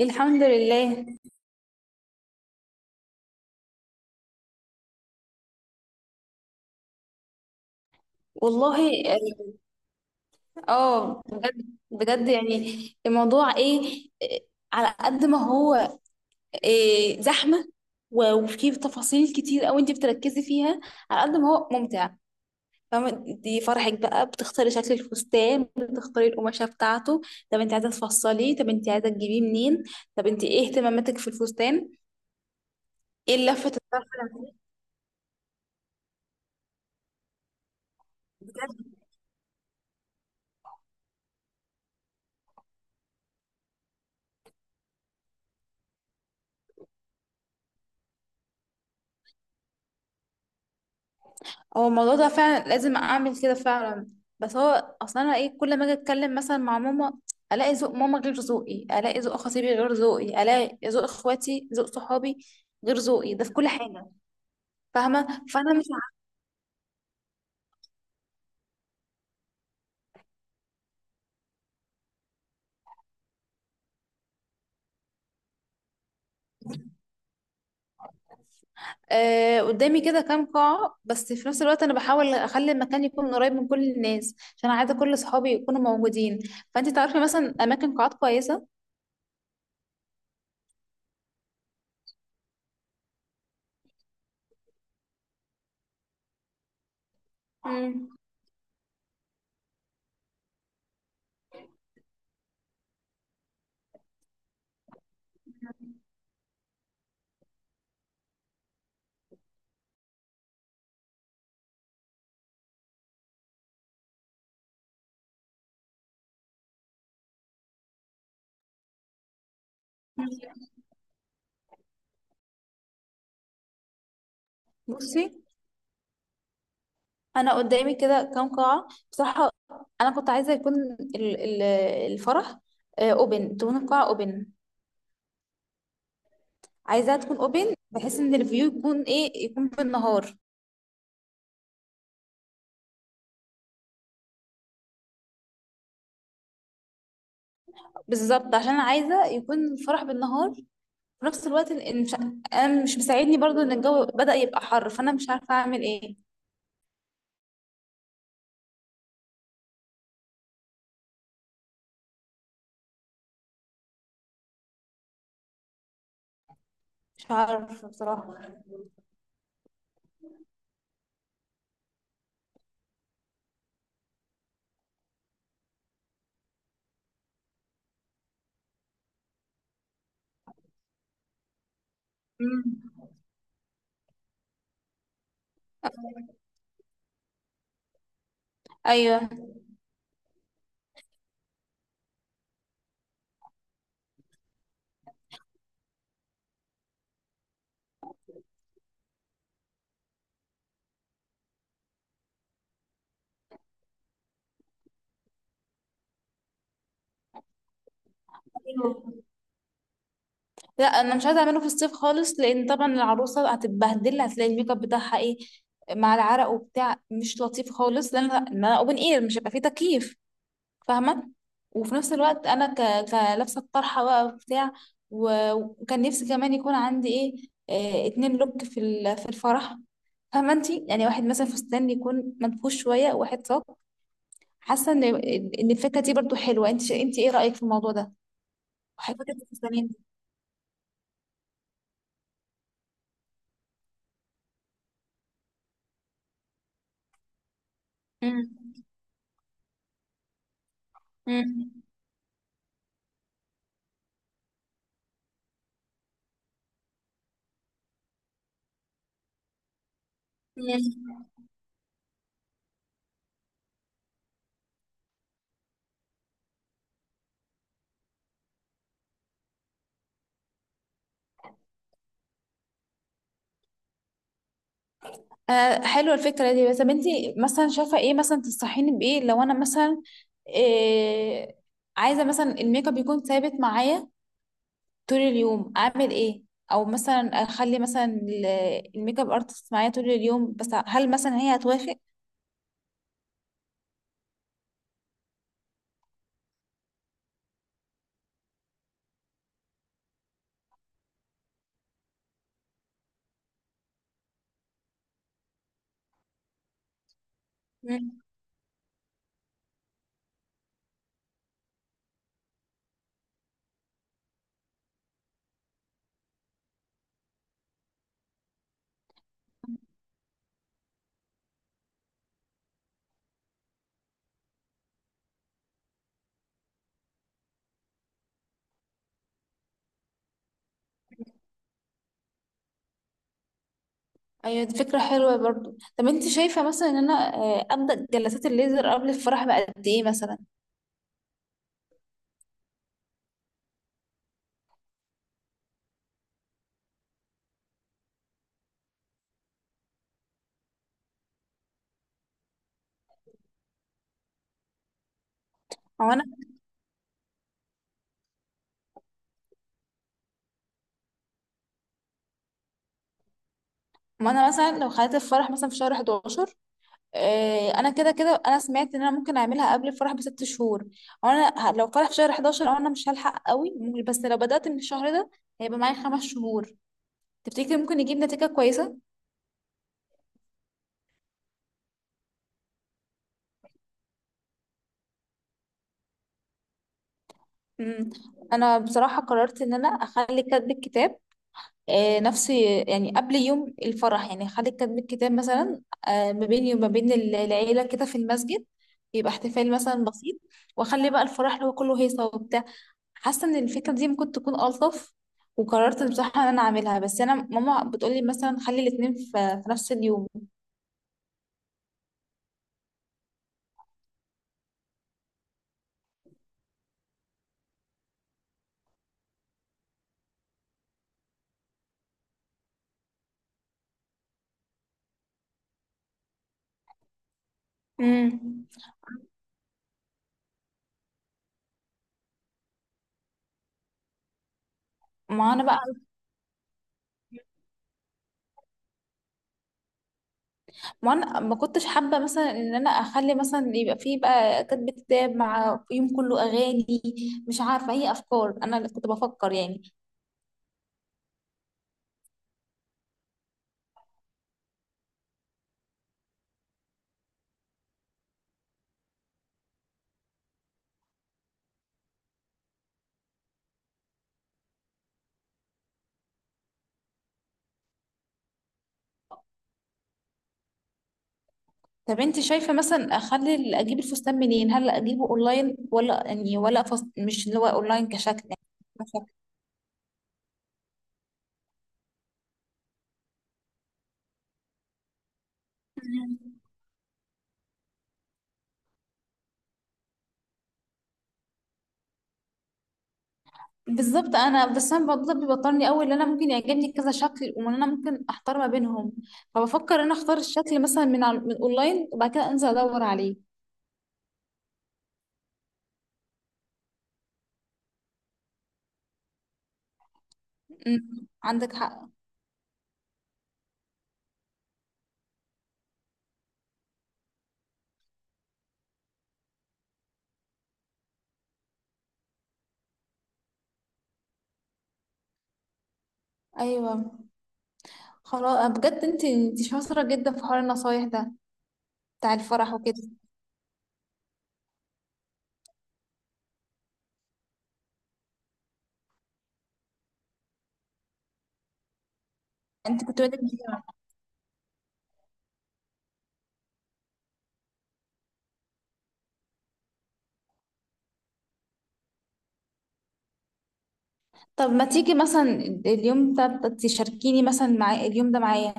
الحمد لله. والله اه. بجد بجد يعني الموضوع ايه، إيه، على قد ما هو إيه، زحمة، و- وفيه تفاصيل كتير قوي انت بتركزي فيها، على قد ما هو ممتع، فاهمة؟ دي فرحك بقى، بتختاري شكل الفستان، بتختاري القماشة بتاعته. طب انت عايزة تفصليه؟ طب انت عايزة تجيبيه منين؟ طب انت ايه اهتماماتك في الفستان؟ ايه اللفة الطرف؟ هو الموضوع ده فعلا لازم اعمل كده فعلا؟ بس هو اصلا انا ايه، كل ما اجي اتكلم مثلا مع ماما، الاقي ذوق ماما غير ذوقي، الاقي ذوق خطيبي غير ذوقي، الاقي ذوق اخواتي، ذوق صحابي غير ذوقي، ده في كل حاجه. فاهمه؟ فانا مش عارفة. آه، قدامي كده كام قاعه، بس في نفس الوقت انا بحاول اخلي المكان يكون قريب من كل الناس، عشان عايزه كل صحابي يكونوا موجودين. فانت تعرفي مثلا اماكن قاعات كويسه؟ مم. بصي، انا قدامي كده كام قاعه بصراحه. انا كنت عايزه يكون ال- ال- الفرح اوبن، تكون القاعه اوبن، عايزاها تكون اوبن بحيث ان الفيو يكون ايه، يكون بالنهار. بالظبط، عشان أنا عايزه يكون الفرح بالنهار. في نفس الوقت إن مش، انا مش مساعدني برضو ان الجو بدأ يبقى حر، فانا مش عارفه اعمل ايه. مش عارفه بصراحه. مم. ايوه. لا، انا مش عايزه اعمله في الصيف خالص، لان طبعا العروسه هتتبهدل، هتلاقي الميك اب بتاعها ايه، مع العرق وبتاع، مش لطيف خالص، لان إن انا اوبن اير مش هيبقى فيه تكييف. فاهمه؟ وفي نفس الوقت انا كلابسه الطرحه بقى وبتاع. و- وكان نفسي كمان يكون عندي ايه، 2 لوك في في الفرح. فاهمه انتي؟ يعني واحد مثلا فستان يكون منفوش شويه، وواحد صاج. حاسه ان الفكره دي برضو حلوه. انت ايه رايك في الموضوع ده؟ وحابه فكره الفستانين دي. مم. مم. مم. آه، حلوة الفكرة دي. بس طب انتي مثلا شايفة ايه مثلا، تنصحيني بايه لو انا مثلا إيه، عايزة مثلا الميك اب يكون ثابت معايا طول اليوم، اعمل ايه؟ او مثلا اخلي مثلا الميك اب ارتست معايا طول اليوم، بس هل مثلا هي هتوافق؟ مم. ايوه، دي فكرة حلوة برضو. طب انتي شايفة مثلا ان انا ابدأ جلسات الليزر قبل الفرح بقد ايه مثلا؟ او انا ما انا مثلا لو خليت الفرح مثلا في شهر 11، انا كده كده انا سمعت ان انا ممكن اعملها قبل الفرح ب 6 شهور، وانا لو فرح في شهر 11 او انا مش هلحق قوي ممكن-، بس لو بدأت من الشهر ده هيبقى معايا 5 شهور. تفتكري ممكن يجيب نتيجة كويسة؟ مم. انا بصراحة قررت ان انا اخلي كاتب الكتاب نفس يعني قبل يوم الفرح، يعني اخلي كاتب الكتاب مثلا ما بيني وما بين العيلة كده في المسجد، يبقى احتفال مثلا بسيط، واخلي بقى الفرح اللي هو كله هيصة وبتاع. حاسه ان الفكره دي ممكن تكون الطف. وقررت بصراحه ان انا اعملها، بس انا ماما بتقولي مثلا خلي الاتنين في نفس اليوم. امم ما انا بقى، ما انا ما كنتش حابه مثلا ان انا اخلي مثلا يبقى فيه بقى كاتب كتاب مع يوم كله اغاني. مش عارفه اي افكار، انا اللي كنت بفكر يعني. طب انت شايفه مثلا، اخلي اجيب الفستان منين؟ هل اجيبه اونلاين، ولا يعني، ولا فست، مش اللي هو اونلاين كشكل يعني؟ كشكل. بالظبط. انا بس انا الموضوع ده بيوترني قوي، ان انا ممكن يعجبني كذا شكل، وان انا ممكن احتار ما بينهم. فبفكر ان انا اختار الشكل مثلا من على من اونلاين، وبعد كده انزل ادور عليه. أمم، عندك حق. ايوه، خلاص. بجد انت شاطره جدا في حوار النصايح ده بتاع الفرح وكده. انت كنت بادئ بيه. طب ما تيجي مثلا اليوم ده تشاركيني مثلا، مع اليوم ده معايا.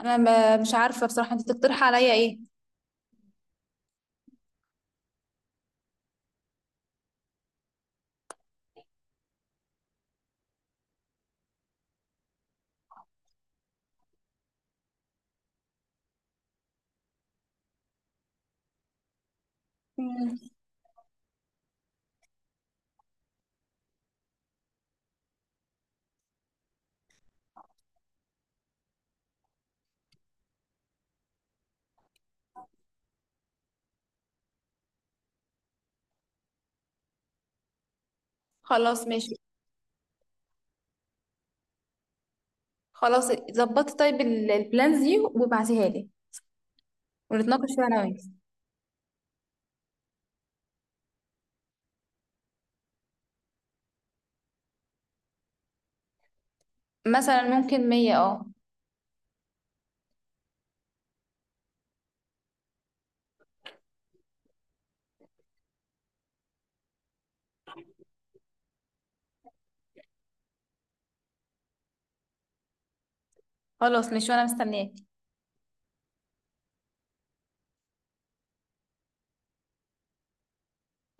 انا مش عارفه بصراحه، انت تقترحي عليا ايه. مم. خلاص ماشي. خلاص ظبطي طيب البلانز دي وابعتيها لي، ونتناقش فيها انا وانت. مثلا ممكن 100 اه. خلاص، مش وانا مستنياك.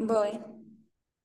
باي.